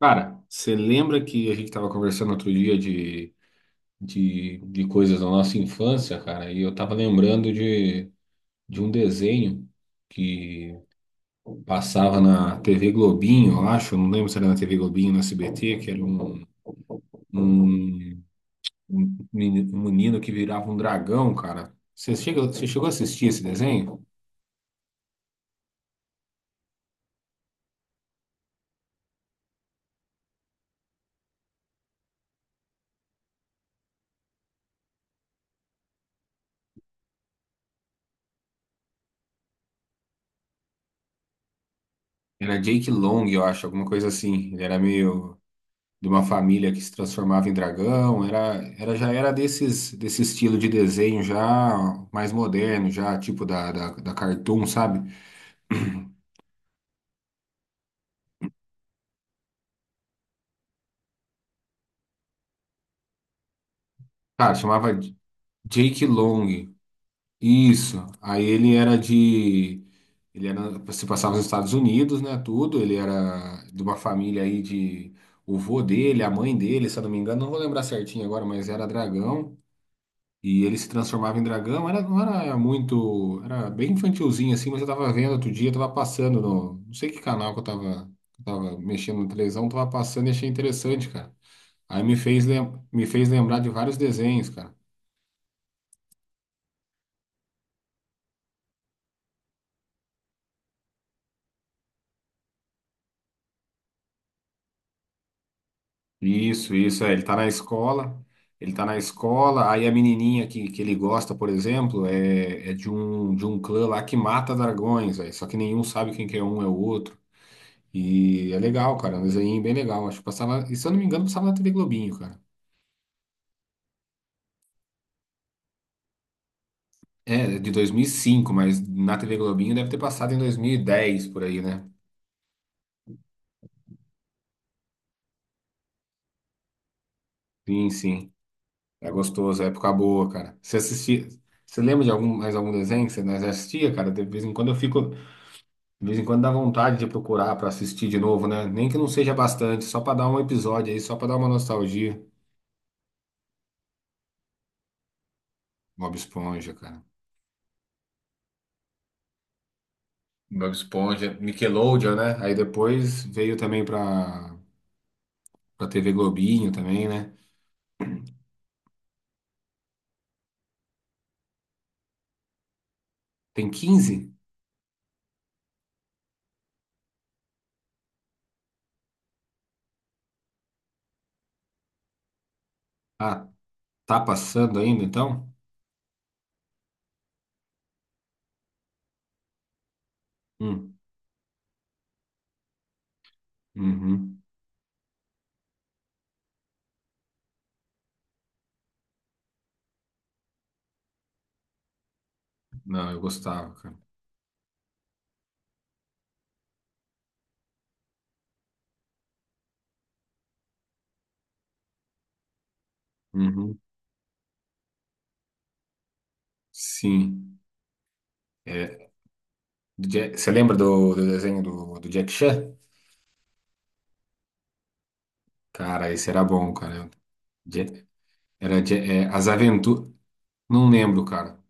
Cara, você lembra que a gente estava conversando outro dia de coisas da nossa infância, cara? E eu tava lembrando de um desenho que passava na TV Globinho, eu acho, não lembro se era na TV Globinho ou na SBT, que era um, um um menino que virava um dragão, cara. Você chegou a assistir esse desenho? Era Jake Long, eu acho, alguma coisa assim. Ele era meio de uma família que se transformava em dragão, era já era desse estilo de desenho já mais moderno, já tipo da Cartoon, sabe? Cara, chamava Jake Long. Isso. Aí ele era, se passava nos Estados Unidos, né, tudo, ele era de uma família aí de o vô dele, a mãe dele, se eu não me engano, não vou lembrar certinho agora, mas era dragão. E ele se transformava em dragão. Era, não era muito. Era bem infantilzinho assim, mas eu tava vendo outro dia, eu tava passando no. Não sei que canal que eu tava mexendo na televisão, tava passando e achei interessante, cara. Aí me fez lembrar de vários desenhos, cara. Isso, é. Ele tá na escola. Ele tá na escola, aí a menininha que ele gosta, por exemplo, é de um clã lá que mata dragões, aí, só que nenhum sabe quem que é um é o outro. E é legal, cara, é um desenho bem legal. Acho que passava, e se eu não me engano, passava na TV Globinho, cara. É, é de 2005, mas na TV Globinho deve ter passado em 2010, por aí, né? Sim. É gostoso, é época boa, cara. Você assistia, você lembra de algum, mais algum desenho que você mais assistia, cara? De vez em quando eu fico, de vez em quando dá vontade de procurar pra assistir de novo, né? Nem que não seja bastante, só pra dar um episódio aí, só pra dar uma nostalgia. Bob Esponja, cara. Bob Esponja, Nickelodeon, né? Aí depois veio também pra TV Globinho também, né? Tem quinze. Ah, tá passando ainda então? Hum, uhum. Não, eu gostava, cara. Uhum. Sim. É, do Ja- você lembra do desenho do Jack Chan? Cara, esse era bom, cara. Ja- é, As Aventuras. Não lembro, cara.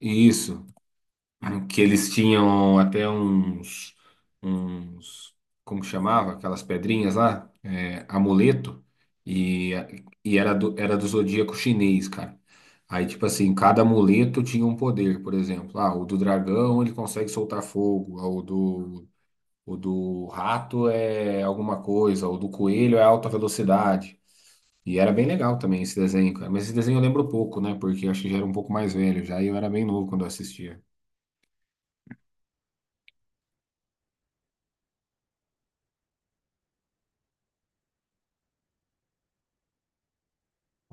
Isso. Que eles tinham até uns como que chamava? Aquelas pedrinhas lá, é, amuleto, e, e era do zodíaco chinês, cara. Aí, tipo assim, cada amuleto tinha um poder, por exemplo. Ah, o do dragão, ele consegue soltar fogo, ah, o do rato é alguma coisa, o do coelho é alta velocidade. E era bem legal também esse desenho, cara. Mas esse desenho eu lembro pouco, né? Porque eu acho que já era um pouco mais velho, já e eu era bem novo quando eu assistia.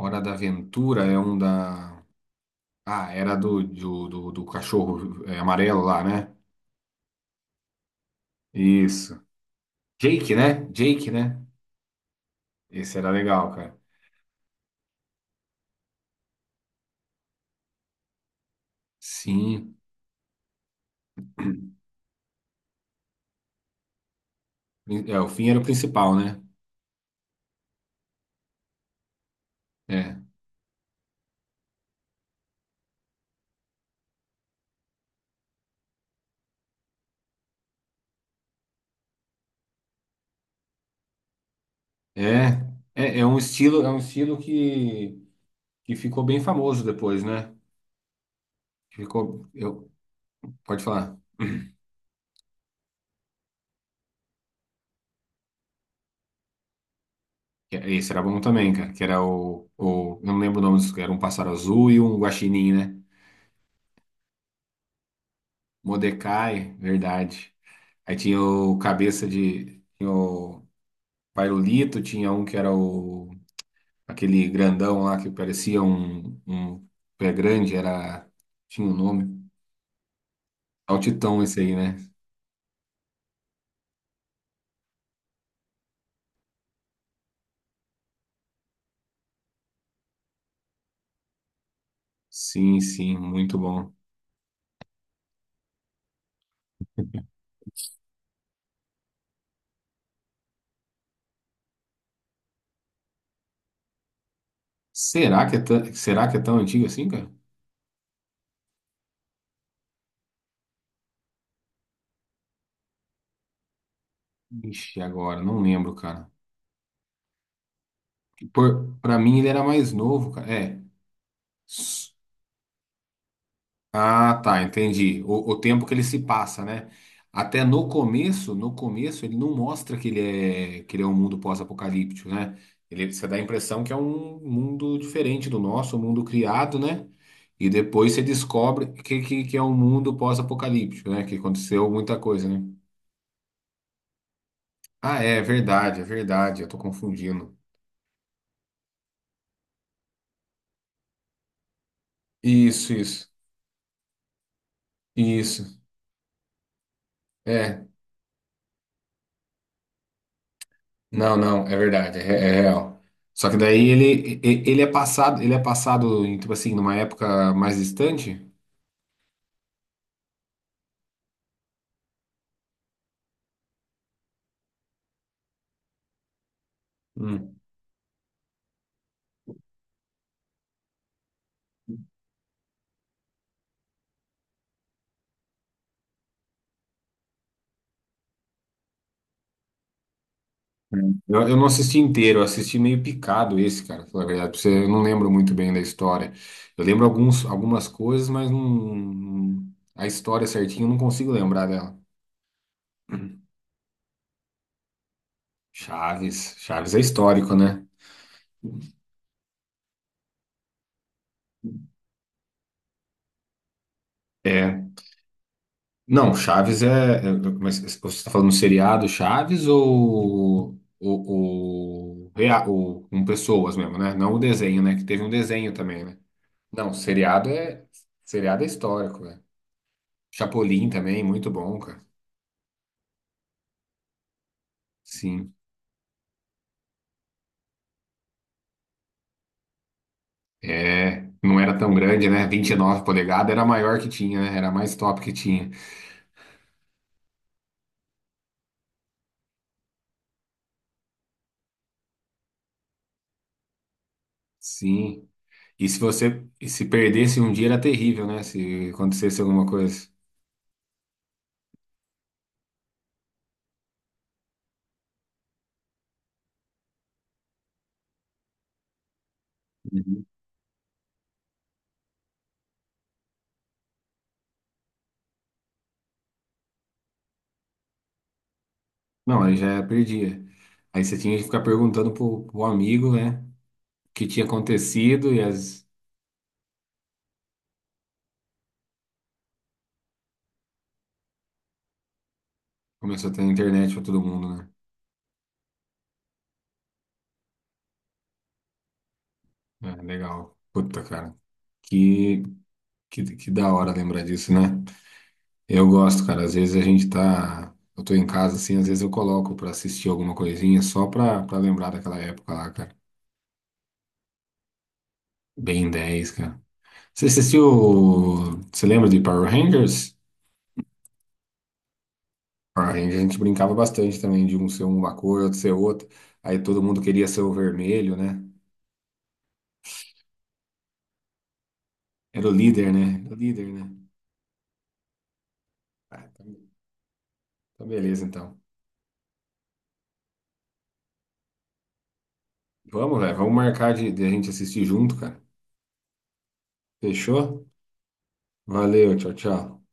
Hora da Aventura é um da. Ah, era do cachorro é, amarelo lá, né? Isso. Jake, né? Jake, né? Esse era legal, cara. Sim. É, o fim era o principal, né? É. É, é um estilo, é um estilo que ficou bem famoso depois, né? Ficou. Eu, pode falar. Que- é, esse era bom também, cara. Que era o. Eu não lembro o nome disso, que era um pássaro azul e um guaxinim, né? Mordecai, verdade. Aí tinha o cabeça de. Tinha o Pairulito, tinha um que era o. Aquele grandão lá que parecia um pé grande, era. Tinha um nome. Altitão esse aí, né? Sim, muito bom. Será que é tão, será que é tão antigo assim, cara? Ixi, agora, não lembro, cara. Pra mim ele era mais novo, cara. É. Ah, tá, entendi. O tempo que ele se passa, né? Até no começo, no começo ele não mostra que ele é um mundo pós-apocalíptico, né? Ele você dá a impressão que é um mundo diferente do nosso, um mundo criado, né? E depois você descobre que é um mundo pós-apocalíptico, né? Que aconteceu muita coisa, né? Ah, é verdade, é verdade. Eu tô confundindo. Isso, isso, isso. É. Não, é verdade, é real. Só que daí ele é passado em, tipo assim, numa época mais distante. Hum. Eu não assisti inteiro, eu assisti meio picado esse, cara, pra falar a verdade. Pra você, eu não lembro muito bem da história. Eu lembro alguns, algumas coisas, mas não, a história certinha eu não consigo lembrar dela. Chaves, Chaves é histórico, né? É. Não, Chaves é. É. Mas você está falando um seriado Chaves ou o com pessoas mesmo, né? Não o desenho, né? Que teve um desenho também, né? Não, seriado é. Seriado é histórico, né? Chapolin também, muito bom, cara. Sim. É. Não era tão grande, né? 29 polegadas era a maior que tinha, né? Era a mais top que tinha. Sim. E se você. E se perdesse um dia era terrível, né? Se acontecesse alguma coisa. Não, aí já perdia. Aí você tinha que ficar perguntando pro amigo, né? O que tinha acontecido e as. Começou a ter internet pra todo mundo, né? É, legal. Puta, cara. Que, que da hora lembrar disso, né? Eu gosto, cara. Às vezes a gente tá. Eu tô em casa, assim, às vezes eu coloco pra assistir alguma coisinha só pra lembrar daquela época lá, cara. Bem 10, cara. Você assistiu. Você lembra de Power Rangers? A gente brincava bastante também de um ser uma cor, outro ser outra. Aí todo mundo queria ser o vermelho, né? Era o líder, né? Era o líder, né? Ah, então então beleza, então. Vamos, velho. Vamos marcar de a gente assistir junto, cara. Fechou? Valeu, tchau, tchau.